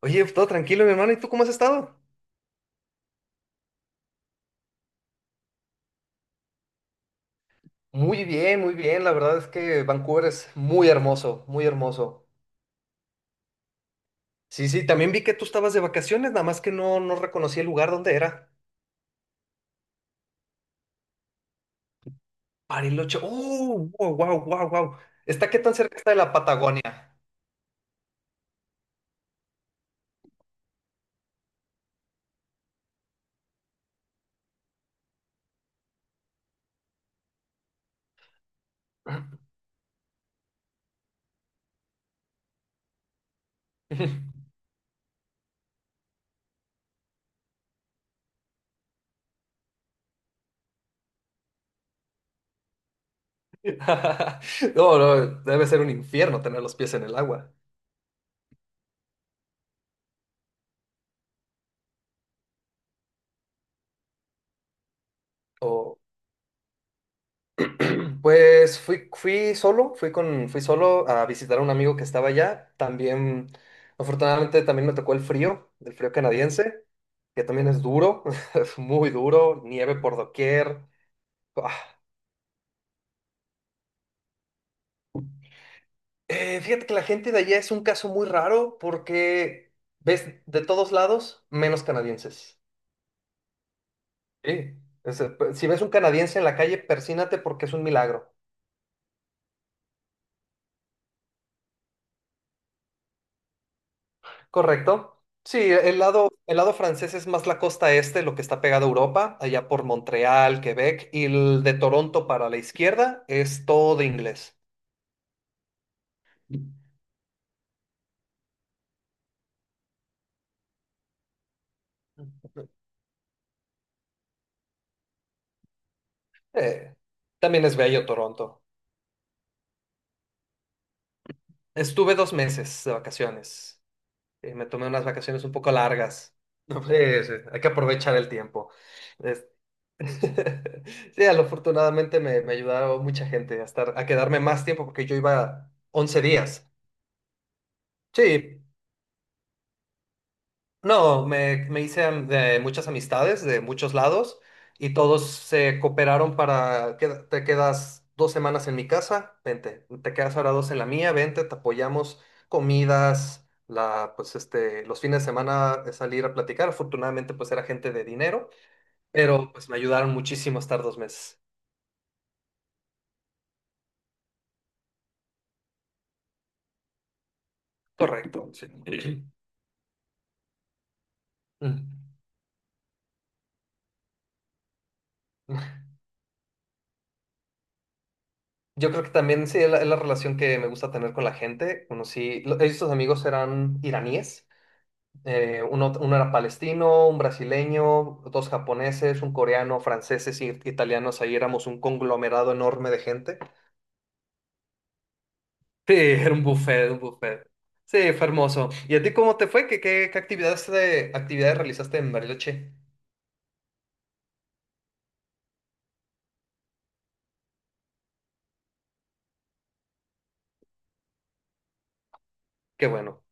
Oye, todo tranquilo, mi hermano. ¿Y tú cómo has estado? Muy bien, muy bien. La verdad es que Vancouver es muy hermoso, muy hermoso. Sí, sí, también vi que tú estabas de vacaciones, nada más que no, no reconocí el lugar donde era. Bariloche. ¡Oh! ¡Wow, wow, wow, wow! ¿Está qué tan cerca está de la Patagonia? No, no, debe ser un infierno tener los pies en el agua. Pues fui solo a visitar a un amigo que estaba allá. También, afortunadamente, también me tocó el frío canadiense, que también es duro, es muy duro, nieve por doquier. Ah, fíjate que la gente de allá es un caso muy raro porque ves de todos lados menos canadienses. Sí. Si ves un canadiense en la calle, persínate porque es un milagro. Correcto. Sí, el lado francés es más la costa este, lo que está pegado a Europa, allá por Montreal, Quebec, y el de Toronto para la izquierda es todo inglés. Eh, También es bello Toronto. Estuve 2 meses de vacaciones. Me tomé unas vacaciones un poco largas. No, pues, hay que aprovechar el tiempo. Es- Sí, afortunadamente me ayudaron mucha gente a estar, a quedarme más tiempo porque yo iba 11 días. Sí. No, me hice de muchas amistades de muchos lados y todos se cooperaron para que te quedas 2 semanas en mi casa, vente, te quedas ahora dos en la mía, vente, te apoyamos, comidas, pues este, los fines de semana salir a platicar. Afortunadamente, pues era gente de dinero, pero pues me ayudaron muchísimo a estar 2 meses. Correcto, sí. Mm. Yo creo que también sí, es la relación que me gusta tener con la gente. Conocí, estos amigos eran iraníes. Uno era palestino, un brasileño, dos japoneses, un coreano, franceses y italianos. Ahí éramos un conglomerado enorme de gente. Sí, era un buffet, un buffet. Sí, fue hermoso. ¿Y a ti cómo te fue? ¿Qué actividades, actividades realizaste en Bariloche? Qué bueno.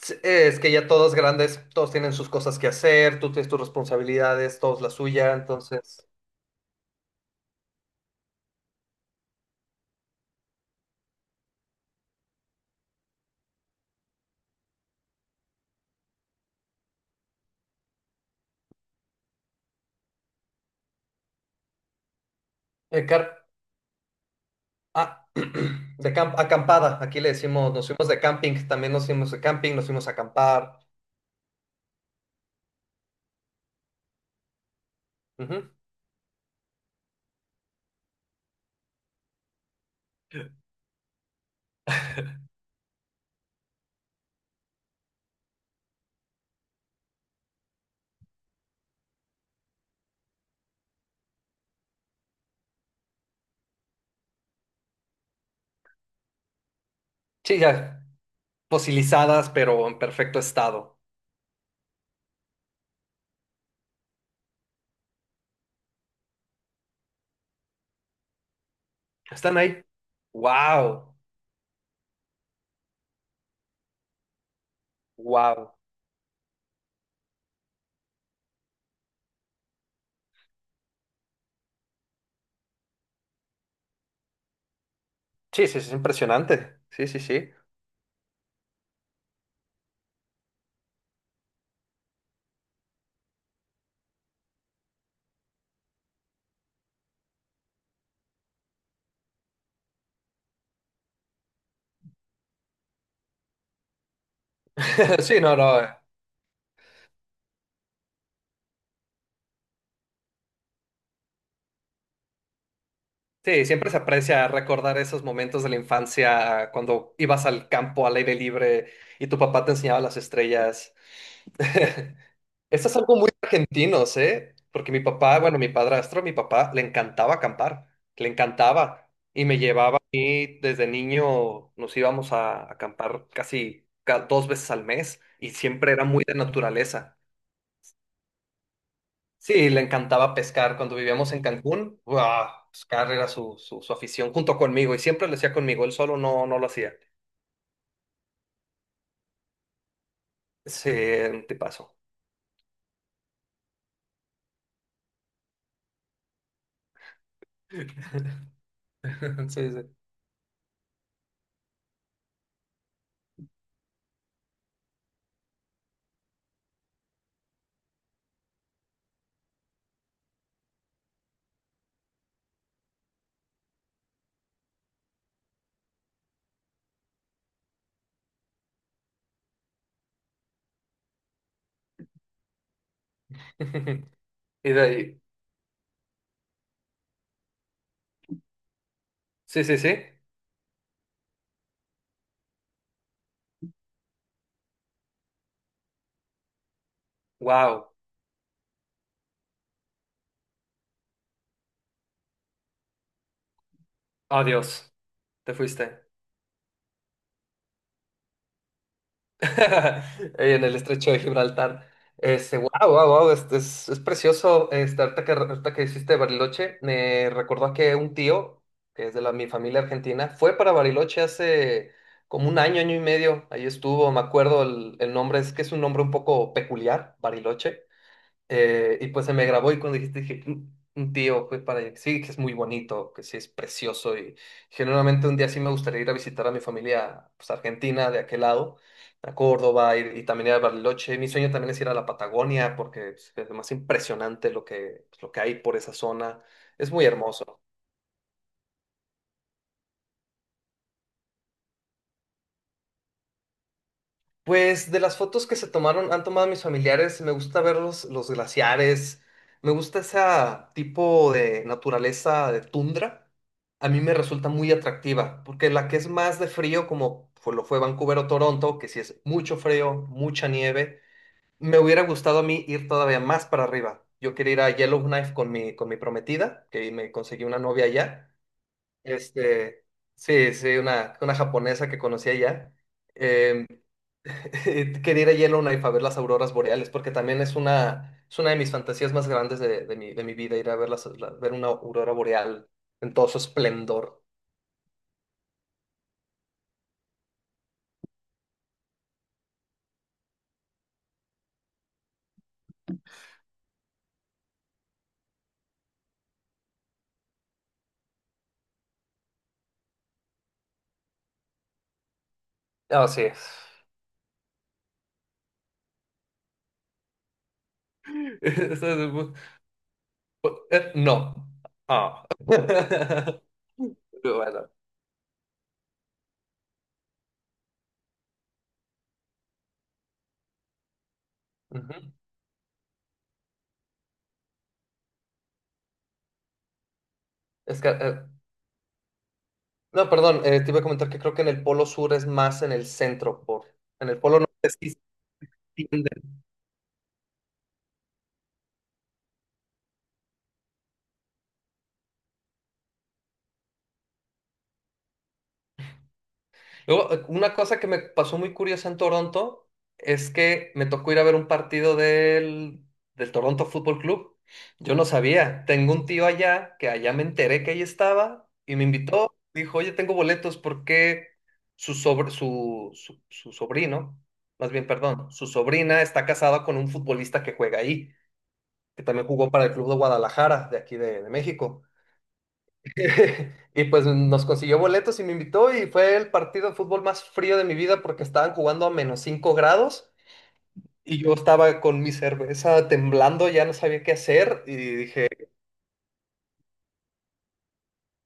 Es que ya todos grandes, todos tienen sus cosas que hacer, tú tienes tus responsabilidades, todos la suya, entonces... eh, car- ah, acampada, aquí le decimos, nos fuimos de camping, también nos fuimos de camping, nos fuimos a acampar. Ujú. Sí, ya fosilizadas, pero en perfecto estado. Están ahí. Wow, wow. Sí, sí, sí, es impresionante. Sí, sí, sí. Sí, no, no. Sí, siempre se aprecia recordar esos momentos de la infancia cuando ibas al campo al aire libre y tu papá te enseñaba las estrellas. Esto es algo muy argentino, ¿eh? Porque mi papá, bueno, mi padrastro, mi papá, le encantaba acampar, le encantaba. Y me llevaba y desde niño nos íbamos a acampar casi 2 veces al mes y siempre era muy de naturaleza. Sí, le encantaba pescar. Cuando vivíamos en Cancún, ¡guau! Pescar era su afición junto conmigo y siempre lo hacía conmigo, él solo no, no lo hacía. Sí, te paso. Sí, sí. Y de ahí, sí, sí, sí. Wow, adiós. Te fuiste. Ahí, en el estrecho de Gibraltar. Este, wow, wow, wow, es precioso. Este, ahorita que hiciste Bariloche, me recordó que un tío, que es de mi familia argentina, fue para Bariloche hace como un año, año y medio. Ahí estuvo, me acuerdo el nombre, es que es un nombre un poco peculiar, Bariloche. Y pues se me grabó y cuando dijiste, dije, un tío fue para allá, que sí, que es muy bonito, que sí es precioso y generalmente un día sí me gustaría ir a visitar a mi familia, pues Argentina, de aquel lado, a Córdoba y, también ir a Bariloche. Mi sueño también es ir a la Patagonia porque pues, es lo más impresionante lo que, pues, lo que hay por esa zona. Es muy hermoso. Pues de las fotos que se tomaron, han tomado mis familiares, me gusta ver los glaciares, me gusta ese tipo de naturaleza de tundra, a mí me resulta muy atractiva, porque la que es más de frío, como lo fue Vancouver o Toronto, que sí es mucho frío, mucha nieve, me hubiera gustado a mí ir todavía más para arriba. Yo quería ir a Yellowknife con con mi prometida, que me conseguí una novia allá, este, sí, sí, una japonesa que conocí allá. eh, Quería ir a Yellowknife a ver las auroras boreales, porque también es una de mis fantasías más grandes de mi vida, ir a ver, ver una aurora boreal en todo su esplendor. Ah, sí. Eso es mu- pu- No. Ah. Pero bueno. Ujú. Es que, no, perdón, te iba a comentar que creo que en el polo sur es más en el centro, en el polo norte sí se extiende. Luego, una cosa que me pasó muy curiosa en Toronto es que me tocó ir a ver un partido del Toronto Fútbol Club. Yo no sabía. Tengo un tío allá que allá me enteré que ahí estaba y me invitó. Dijo, oye, tengo boletos porque su sobrino, más bien, perdón, su sobrina está casada con un futbolista que juega ahí, que también jugó para el Club de Guadalajara, de aquí de México. Y pues nos consiguió boletos y me invitó y fue el partido de fútbol más frío de mi vida porque estaban jugando a -5 grados y yo estaba con mi cerveza temblando, ya no sabía qué hacer y dije,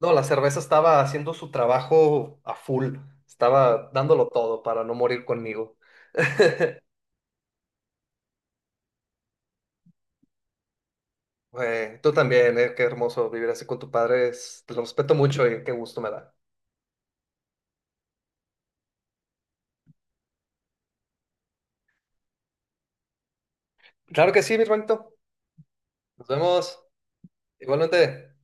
no, la cerveza estaba haciendo su trabajo a full, estaba dándolo todo para no morir conmigo. Tú también, qué hermoso vivir así con tu padre, te lo respeto mucho y qué gusto me da. Claro que sí, mi hermanito. Nos vemos. Igualmente.